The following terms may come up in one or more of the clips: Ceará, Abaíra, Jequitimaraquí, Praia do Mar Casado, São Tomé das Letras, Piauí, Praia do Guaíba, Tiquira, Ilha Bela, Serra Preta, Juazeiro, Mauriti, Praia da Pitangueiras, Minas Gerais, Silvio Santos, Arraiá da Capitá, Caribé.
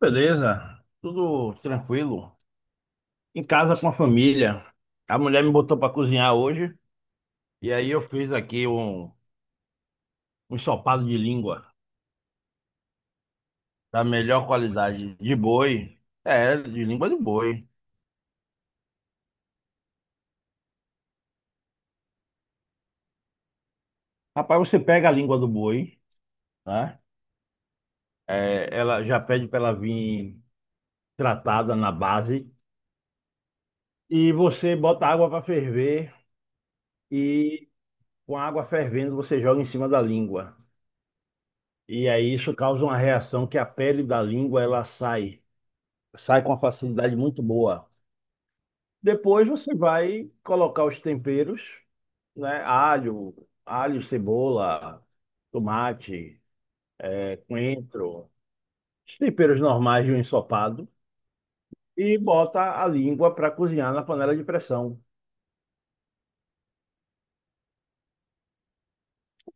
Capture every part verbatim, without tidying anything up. Beleza, tudo tranquilo. Em casa com a família. A mulher me botou para cozinhar hoje e aí eu fiz aqui um, um ensopado de língua da melhor qualidade de boi. É, de língua de boi. Rapaz, você pega a língua do boi, tá? É, ela já pede para ela vir tratada na base e você bota água para ferver e com a água fervendo você joga em cima da língua. E aí isso causa uma reação que a pele da língua ela sai. Sai com uma facilidade muito boa. Depois você vai colocar os temperos, né? Alho, alho, cebola, tomate, eh, coentro, os temperos normais de um ensopado e bota a língua para cozinhar na panela de pressão.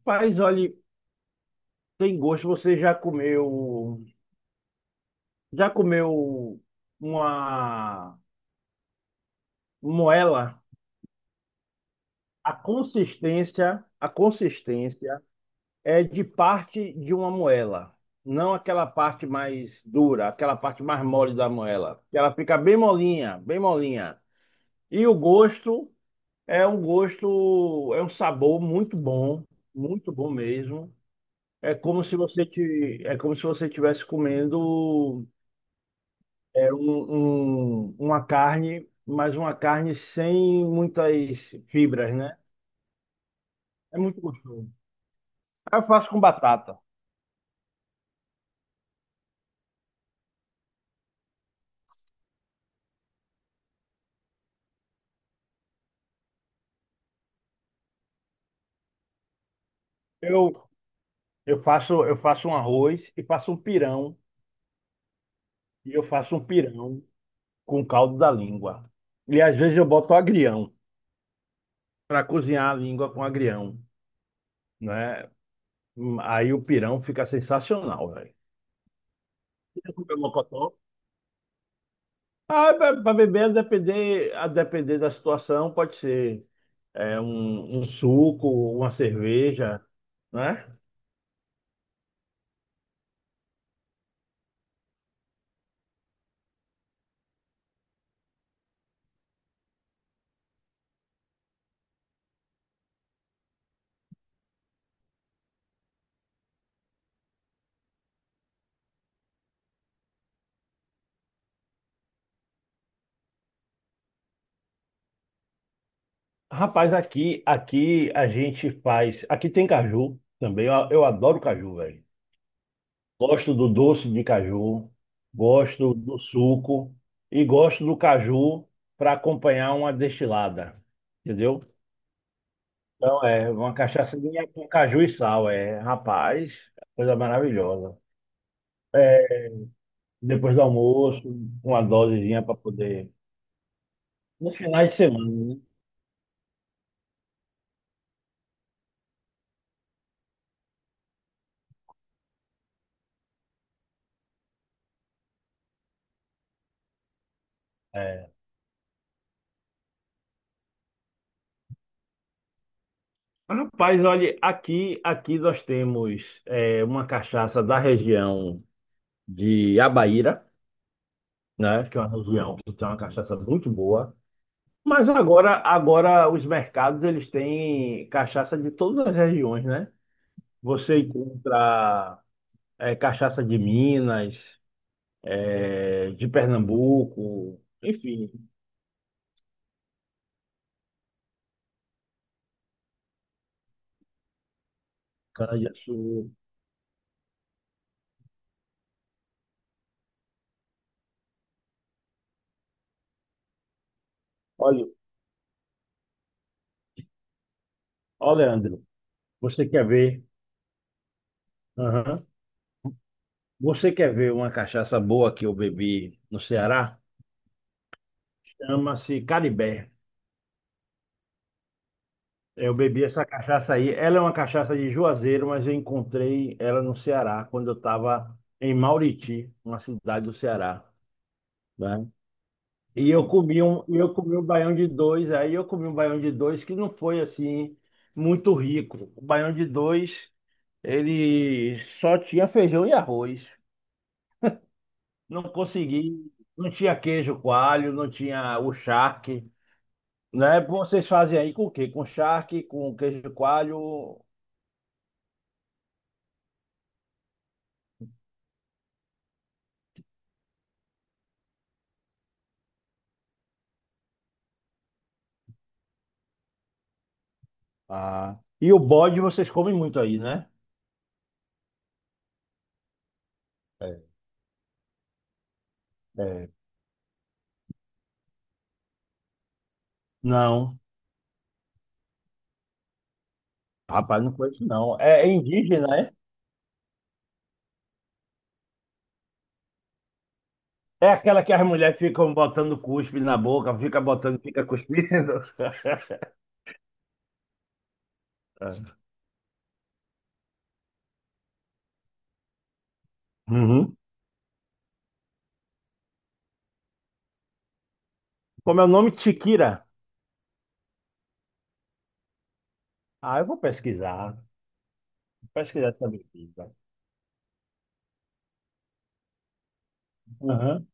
Mas olha, tem gosto, você já comeu, já comeu uma moela? A consistência, a consistência é de parte de uma moela, não aquela parte mais dura, aquela parte mais mole da moela que Ela fica bem molinha, bem molinha. E o gosto é um gosto, é um sabor muito bom, muito bom mesmo. É como se você te, é como se você estivesse comendo é, um, um- uma carne, mas uma carne sem muitas fibras, né? É muito gostoso. Eu faço com batata. Eu Eu faço, eu faço um arroz e faço um pirão. E eu faço um pirão com caldo da língua. E às vezes eu boto agrião para cozinhar a língua com agrião, né? Hum, Aí o pirão fica sensacional, velho. E comer mocotó? Ah, para beber, a depender, a depender da situação, pode ser é, um, um suco, uma cerveja, né? Rapaz, aqui, aqui a gente faz. Aqui tem caju também. Eu, eu adoro caju, velho. Gosto do doce de caju, gosto do suco e gosto do caju para acompanhar uma destilada, entendeu? Então é uma cachaçinha com caju e sal, é, rapaz, coisa maravilhosa. É, depois do almoço, uma dosezinha para poder nos finais de semana, né? É. Rapaz, olha, aqui aqui nós temos é, uma cachaça da região de Abaíra, né? Que é uma região que tem uma cachaça muito boa. Mas agora, agora os mercados eles têm cachaça de todas as regiões, né? Você encontra eh, cachaça de Minas, eh, de Pernambuco, enfim, cana-de-açúcar. Olha, ó, Leandro, você quer ver? Aham. Você quer ver uma cachaça boa que eu bebi no Ceará? Chama-se Caribé. Eu bebi essa cachaça aí. Ela é uma cachaça de Juazeiro, mas eu encontrei ela no Ceará quando eu estava em Mauriti, uma cidade do Ceará, né? E eu comi um, e eu comi um baião de dois, aí eu comi um baião de dois que não foi assim muito rico. O baião de dois, ele só tinha feijão e arroz. Não consegui, não tinha queijo coalho, não tinha o charque, né? Vocês fazem aí com o quê? Com charque, com queijo coalho. Ah. E o bode vocês comem muito aí, né? É, é, não. Rapaz, não conheço não. É, é indígena, é? É aquela que as mulheres ficam botando cuspe na boca, fica botando, fica cuspindo. Uhum. Como é o nome? Tiquira. Ah, eu vou pesquisar. Vou pesquisar essa bebida. Uhum.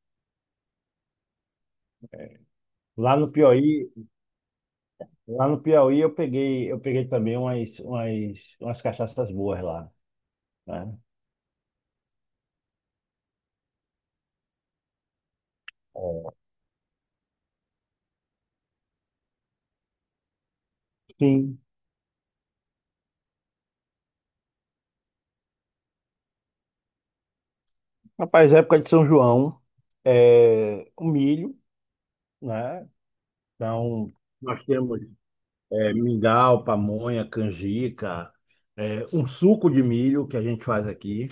Lá no Piauí, lá no Piauí eu peguei, eu peguei também umas, umas, umas cachaças boas lá, né? É. Sim. Rapaz, época de São João, é, o milho, né? Então, nós temos é, mingau, pamonha, canjica, é, um suco de milho que a gente faz aqui,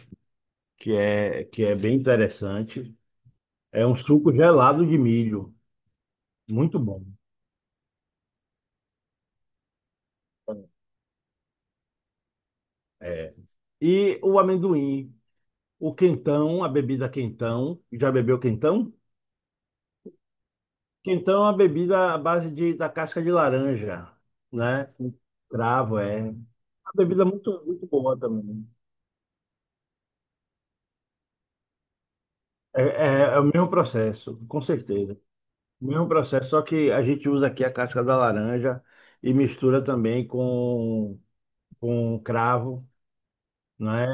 que é, que é bem interessante. É um suco gelado de milho, muito bom. É. E o amendoim, o quentão, a bebida quentão. Já bebeu quentão? Quentão é uma bebida à base de, da casca de laranja, né? Com cravo, é. Uma bebida muito, muito boa também. É, é, é o mesmo processo, com certeza. O mesmo processo, só que a gente usa aqui a casca da laranja e mistura também com, com cravo, né?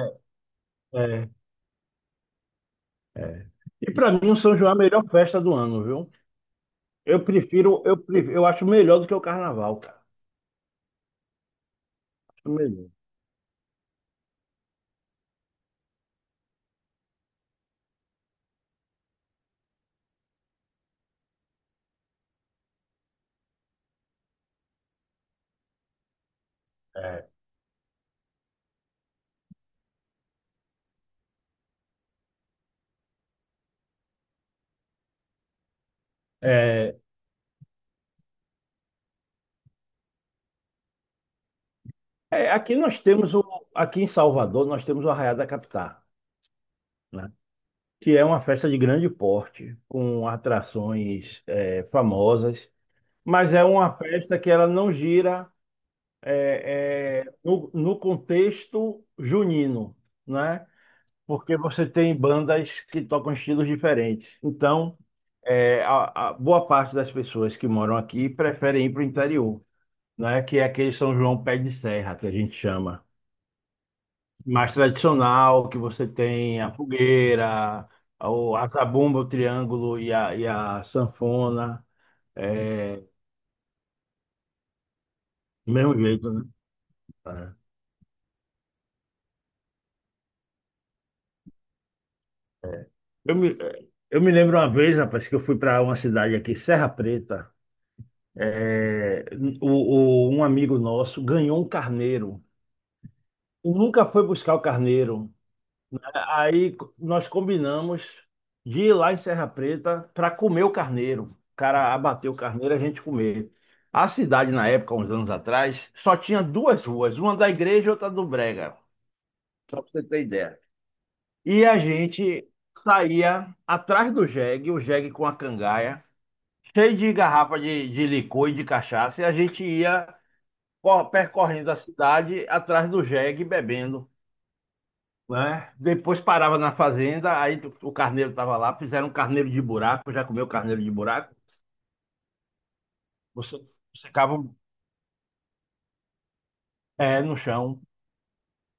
É, é. é. E para mim o São João é a melhor festa do ano, viu? Eu prefiro, eu, prefiro- eu acho melhor do que o carnaval, cara. Acho melhor. É, é, é, aqui nós temos o, aqui em Salvador nós temos o Arraiá da Capitá, né? Que é uma festa de grande porte, com atrações é, famosas, mas é uma festa que ela não gira. É, é, no, no contexto junino, né? Porque você tem bandas que tocam estilos diferentes. Então, é, a, a boa parte das pessoas que moram aqui preferem ir para o interior, né? Que é aquele São João Pé de Serra, que a gente chama. Mais tradicional, que você tem a fogueira, o- a zabumba, o triângulo e a, e a sanfona. É, do mesmo jeito, né? É. Eu me, eu me lembro uma vez, rapaz, que eu fui para uma cidade aqui, Serra Preta. É, o, o- um amigo nosso ganhou um carneiro e nunca foi buscar o carneiro. A- Aí co- nós combinamos de ir lá em Serra Preta para comer o carneiro. O cara abateu o carneiro, a gente comer. A cidade, na época, uns anos atrás, só tinha duas ruas, uma da igreja e outra do Brega. Só para você ter ideia. E a gente saía atrás do jegue, o jegue com a cangaia, cheio de garrafa de, de licor e de cachaça, e a gente ia co- percorrendo a cidade atrás do jegue bebendo, né? Depois parava na fazenda, aí tu- o carneiro estava lá, fizeram um carneiro de buraco, já comeu carneiro de buraco? Você, você cava um- é, no chão,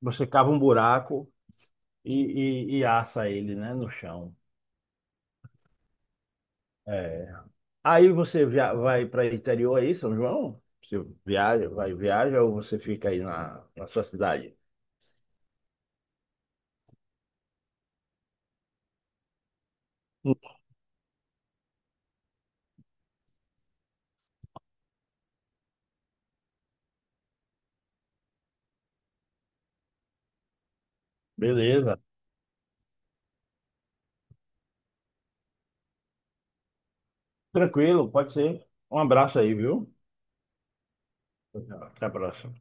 você cava um buraco e, e, e assa ele, né, no chão. É. Aí você via- vai para o interior aí, São João? Você viaja, vai viaja ou você fica aí na, na sua cidade? Beleza. Tranquilo, pode ser. Um abraço aí, viu? Tchau, tchau. Até a próxima.